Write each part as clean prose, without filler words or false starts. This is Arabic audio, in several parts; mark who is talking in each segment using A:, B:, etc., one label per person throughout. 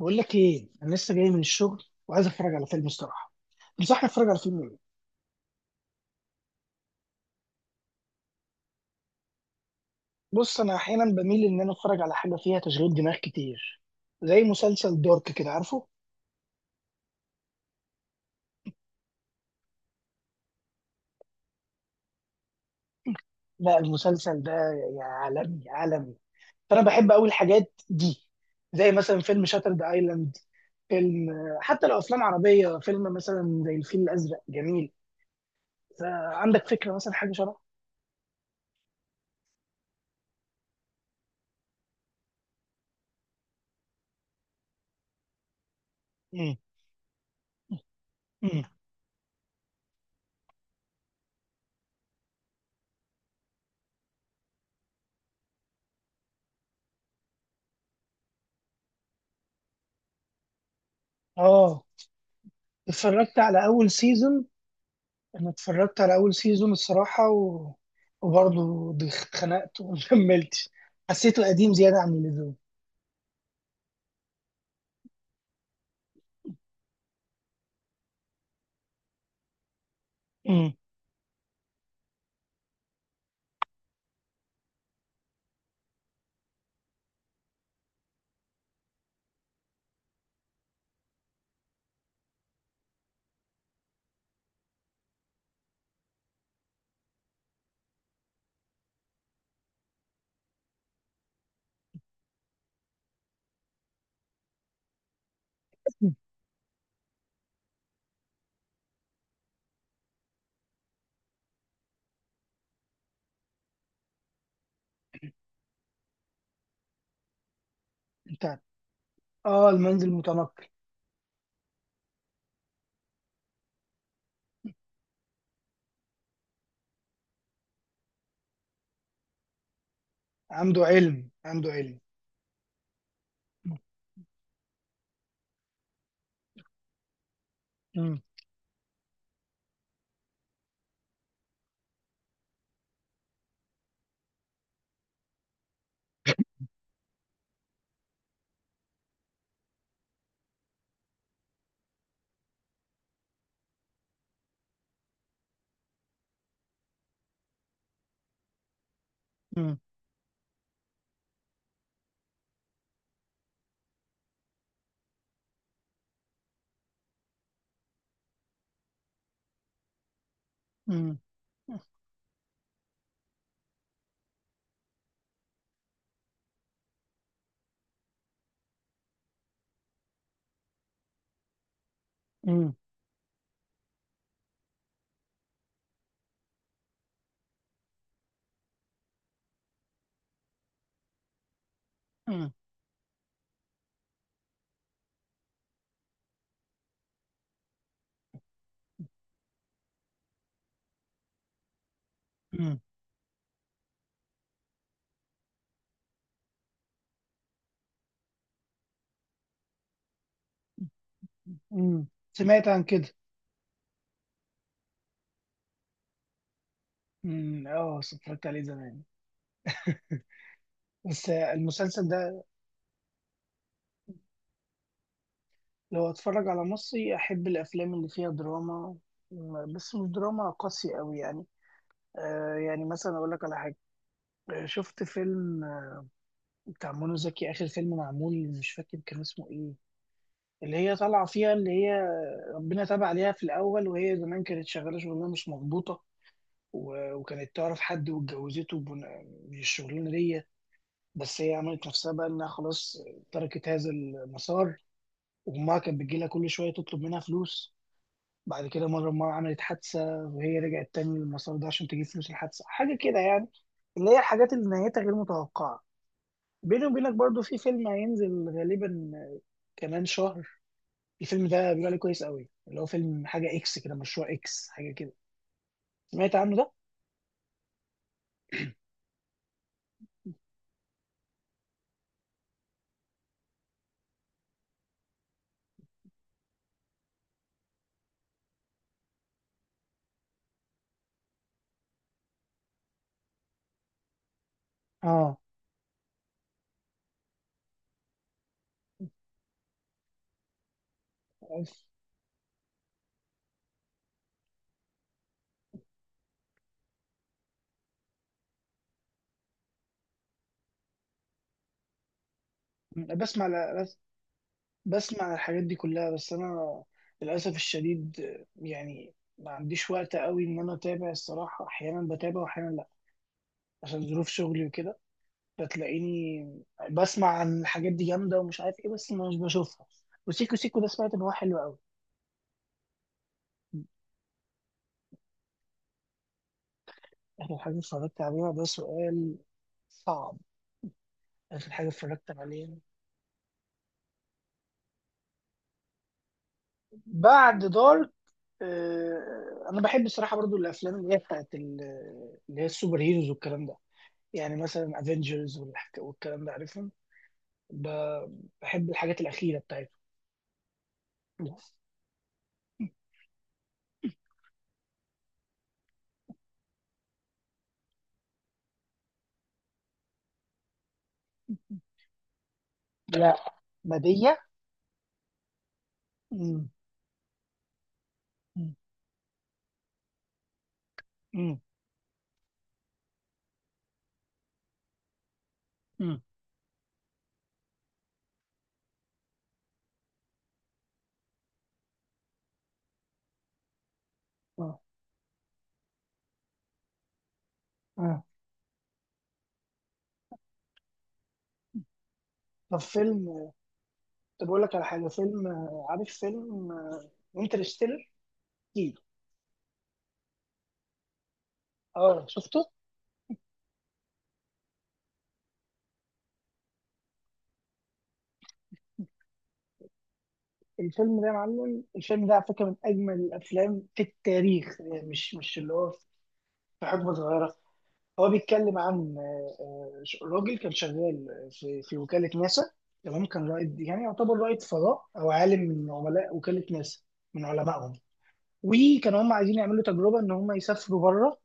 A: بقول لك ايه، انا لسه جاي من الشغل وعايز اتفرج على فيلم الصراحه. تنصحني اتفرج على فيلم ايه؟ بص، انا احيانا بميل ان انا اتفرج على حاجه فيها تشغيل دماغ كتير، زي مسلسل دارك، كده عارفه. لا، المسلسل ده يا عالمي عالمي. فانا بحب قوي الحاجات دي، زي مثلا فيلم شاترد ايلاند، فيلم، حتى لو افلام عربيه، فيلم مثلا زي الفيل الازرق جميل. ف- عندك فكره مثلا حاجه شبه. امم. امم. اه، اتفرجت على اول سيزون. انا اتفرجت على اول سيزون الصراحه وبرضه اتخنقت وما كملتش. حسيته قديم زياده عن اللزوم. امم. انت، اه المنزل متنقل. عنده علم، عنده علم. امم. امم. امم. امم. امم. امم. امم. سمعت عن كده. امم، اه اتفرجت عليه زمان، بس المسلسل ده. لو اتفرج على مصري، احب الافلام اللي فيها دراما، بس مش دراما قاسية قوي يعني. آه يعني مثلا اقول لك على حاجة. شفت فيلم بتاع منى زكي، اخر فيلم معمول، مش فاكر كان اسمه ايه. اللي هي طالعه فيها، اللي هي ربنا تاب عليها في الاول، وهي زمان كانت شغاله شغلانه مش مظبوطه. وكانت تعرف حد واتجوزته من الشغلانه دي. بس هي عملت نفسها بقى انها خلاص، تركت هذا المسار. وامها كانت بتجيلها كل شويه تطلب منها فلوس. بعد كده مره امها عملت حادثه، وهي رجعت تاني للمسار ده عشان تجيب فلوس الحادثه، حاجه كده يعني. اللي هي الحاجات اللي نهايتها غير متوقعه. بيني وبينك برضو في فيلم هينزل غالبا كمان شهر. الفيلم ده بيقول عليه كويس قوي، اللي هو فيلم حاجة اكس كده، مشروع اكس حاجة كده. سمعت عنه ده؟ اه. بسمع، بس، بسمع الحاجات دي كلها، بس انا للاسف الشديد. يعني ما عنديش وقت قوي ان انا اتابع، الصراحة احيانا بتابع واحيانا لا، عشان ظروف شغلي وكده. فتلاقيني بسمع عن الحاجات دي جامدة ومش عارف ايه، بس مش بشوفها. وسيكو سيكو ده سمعت ان هو حلو قوي. آخر حاجة اتفرجت عليها، ده سؤال صعب. آخر حاجة اتفرجت عليها. بعد دارك، آه، أنا بحب الصراحة برضو الأفلام اللي هي بتاعت اللي هي السوبر هيروز والكلام ده. يعني مثلا افنجرز والكلام ده، عارفهم. بحب الحاجات الأخيرة بتاعته. لا. مادية. مم. مم. مم. مم. آه. آه. طب فيلم. طب أقول لك على حاجة، فيلم آه، عارف فيلم انترستيلر؟ اه، شفته؟ الفيلم ده يا معلم، الفيلم ده على فكره من اجمل الافلام في التاريخ يعني، مش اللي هو في حقبه صغيره. هو بيتكلم عن راجل كان شغال في وكاله ناسا. تمام، كان رائد، يعني يعتبر رائد فضاء او عالم من عملاء وكاله ناسا، من علمائهم. وكانوا هم عايزين يعملوا تجربه ان هم يسافروا بره،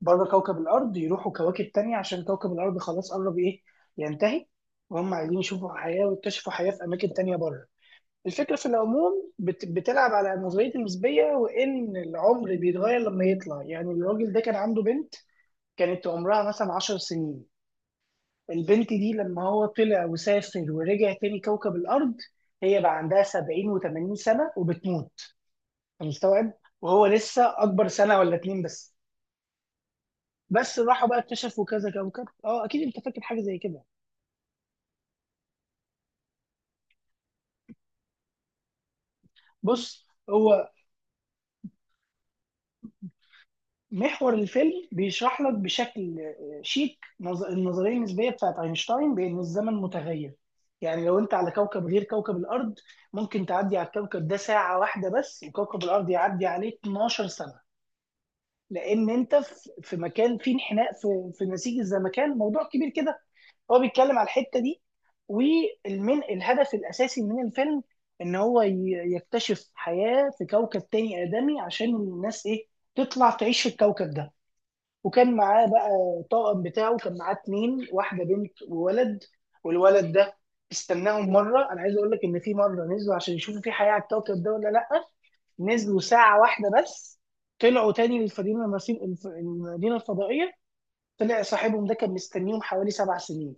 A: بره كوكب الارض، يروحوا كواكب تانية عشان كوكب الارض خلاص قرب ايه ينتهي. وهم عايزين يشوفوا حياه ويكتشفوا حياه في اماكن تانية بره. الفكرة في العموم بتلعب على النظرية النسبية، وإن العمر بيتغير لما يطلع، يعني الراجل ده كان عنده بنت كانت عمرها مثلا 10 سنين. البنت دي لما هو طلع وسافر ورجع تاني كوكب الأرض، هي بقى عندها 70 و80 سنة وبتموت. أنا مستوعب، وهو لسه أكبر سنة ولا 2 بس. بس راحوا بقى اكتشفوا كذا كوكب، اه اكيد انت فاكر حاجه زي كده. بص، هو محور الفيلم بيشرح لك بشكل آه، شيك النظريه النسبيه بتاعت اينشتاين، بان الزمن متغير. يعني لو انت على كوكب غير كوكب الارض، ممكن تعدي على الكوكب ده ساعه واحده بس، وكوكب الارض يعدي عليه 12 سنه. لان انت في مكان فيه انحناء في نسيج الزمكان، موضوع كبير كده. هو بيتكلم على الحته دي. والمن الهدف الاساسي من الفيلم ان هو يكتشف حياه في كوكب تاني ادمي، عشان الناس ايه، تطلع تعيش في الكوكب ده. وكان معاه بقى الطاقم بتاعه، كان معاه اتنين، واحده بنت وولد. والولد ده استناهم مره. انا عايز اقول لك ان في مره نزلوا عشان يشوفوا في حياه على الكوكب ده ولا لا. نزلوا ساعه واحده بس، طلعوا تاني للمدينه المدينه الفضائيه. طلع صاحبهم ده كان مستنيهم حوالي 7 سنين.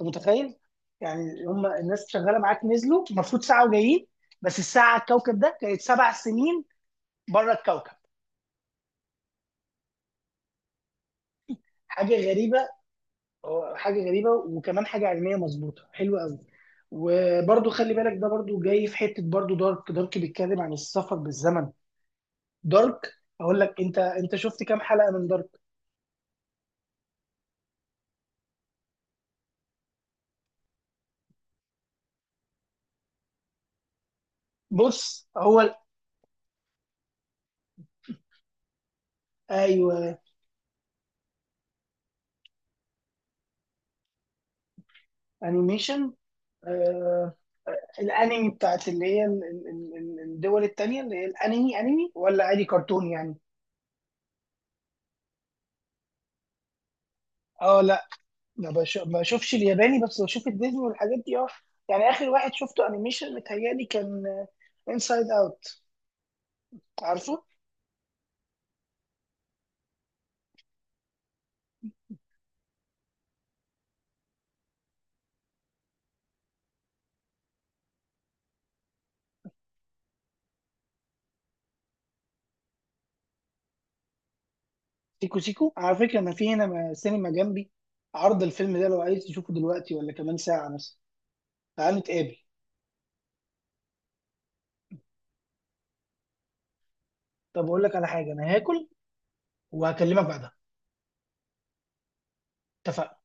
A: انت متخيل؟ يعني هم الناس شغاله معاك نزلوا المفروض ساعه وجايين، بس الساعه على الكوكب ده كانت 7 سنين، بره الكوكب. حاجه غريبه، هو حاجه غريبه وكمان حاجه علميه مظبوطه، حلوه قوي. وبرضو خلي بالك ده برضو جاي في حته برضو، دارك، دارك بيتكلم عن السفر بالزمن. دارك. اقول لك انت، انت شفت كام حلقه من دارك؟ بص هو ايوه. انيميشن، آه. الانمي بتاعت اللي هي الدول التانية، اللي هي الانمي، انمي ولا عادي كرتون يعني؟ اه لا، ما بشوفش الياباني، بس بشوف الديزني والحاجات دي اه. يعني اخر واحد شفته انيميشن متهيألي كان انسايد اوت، عارفه. سيكو سيكو على فكرة، أنا في هنا سينما جنبي عرض الفيلم ده، لو عايز تشوفه دلوقتي ولا كمان ساعة مثلا، تعال نتقابل. طب أقول لك على حاجة، أنا هاكل وهكلمك بعدها. اتفقنا.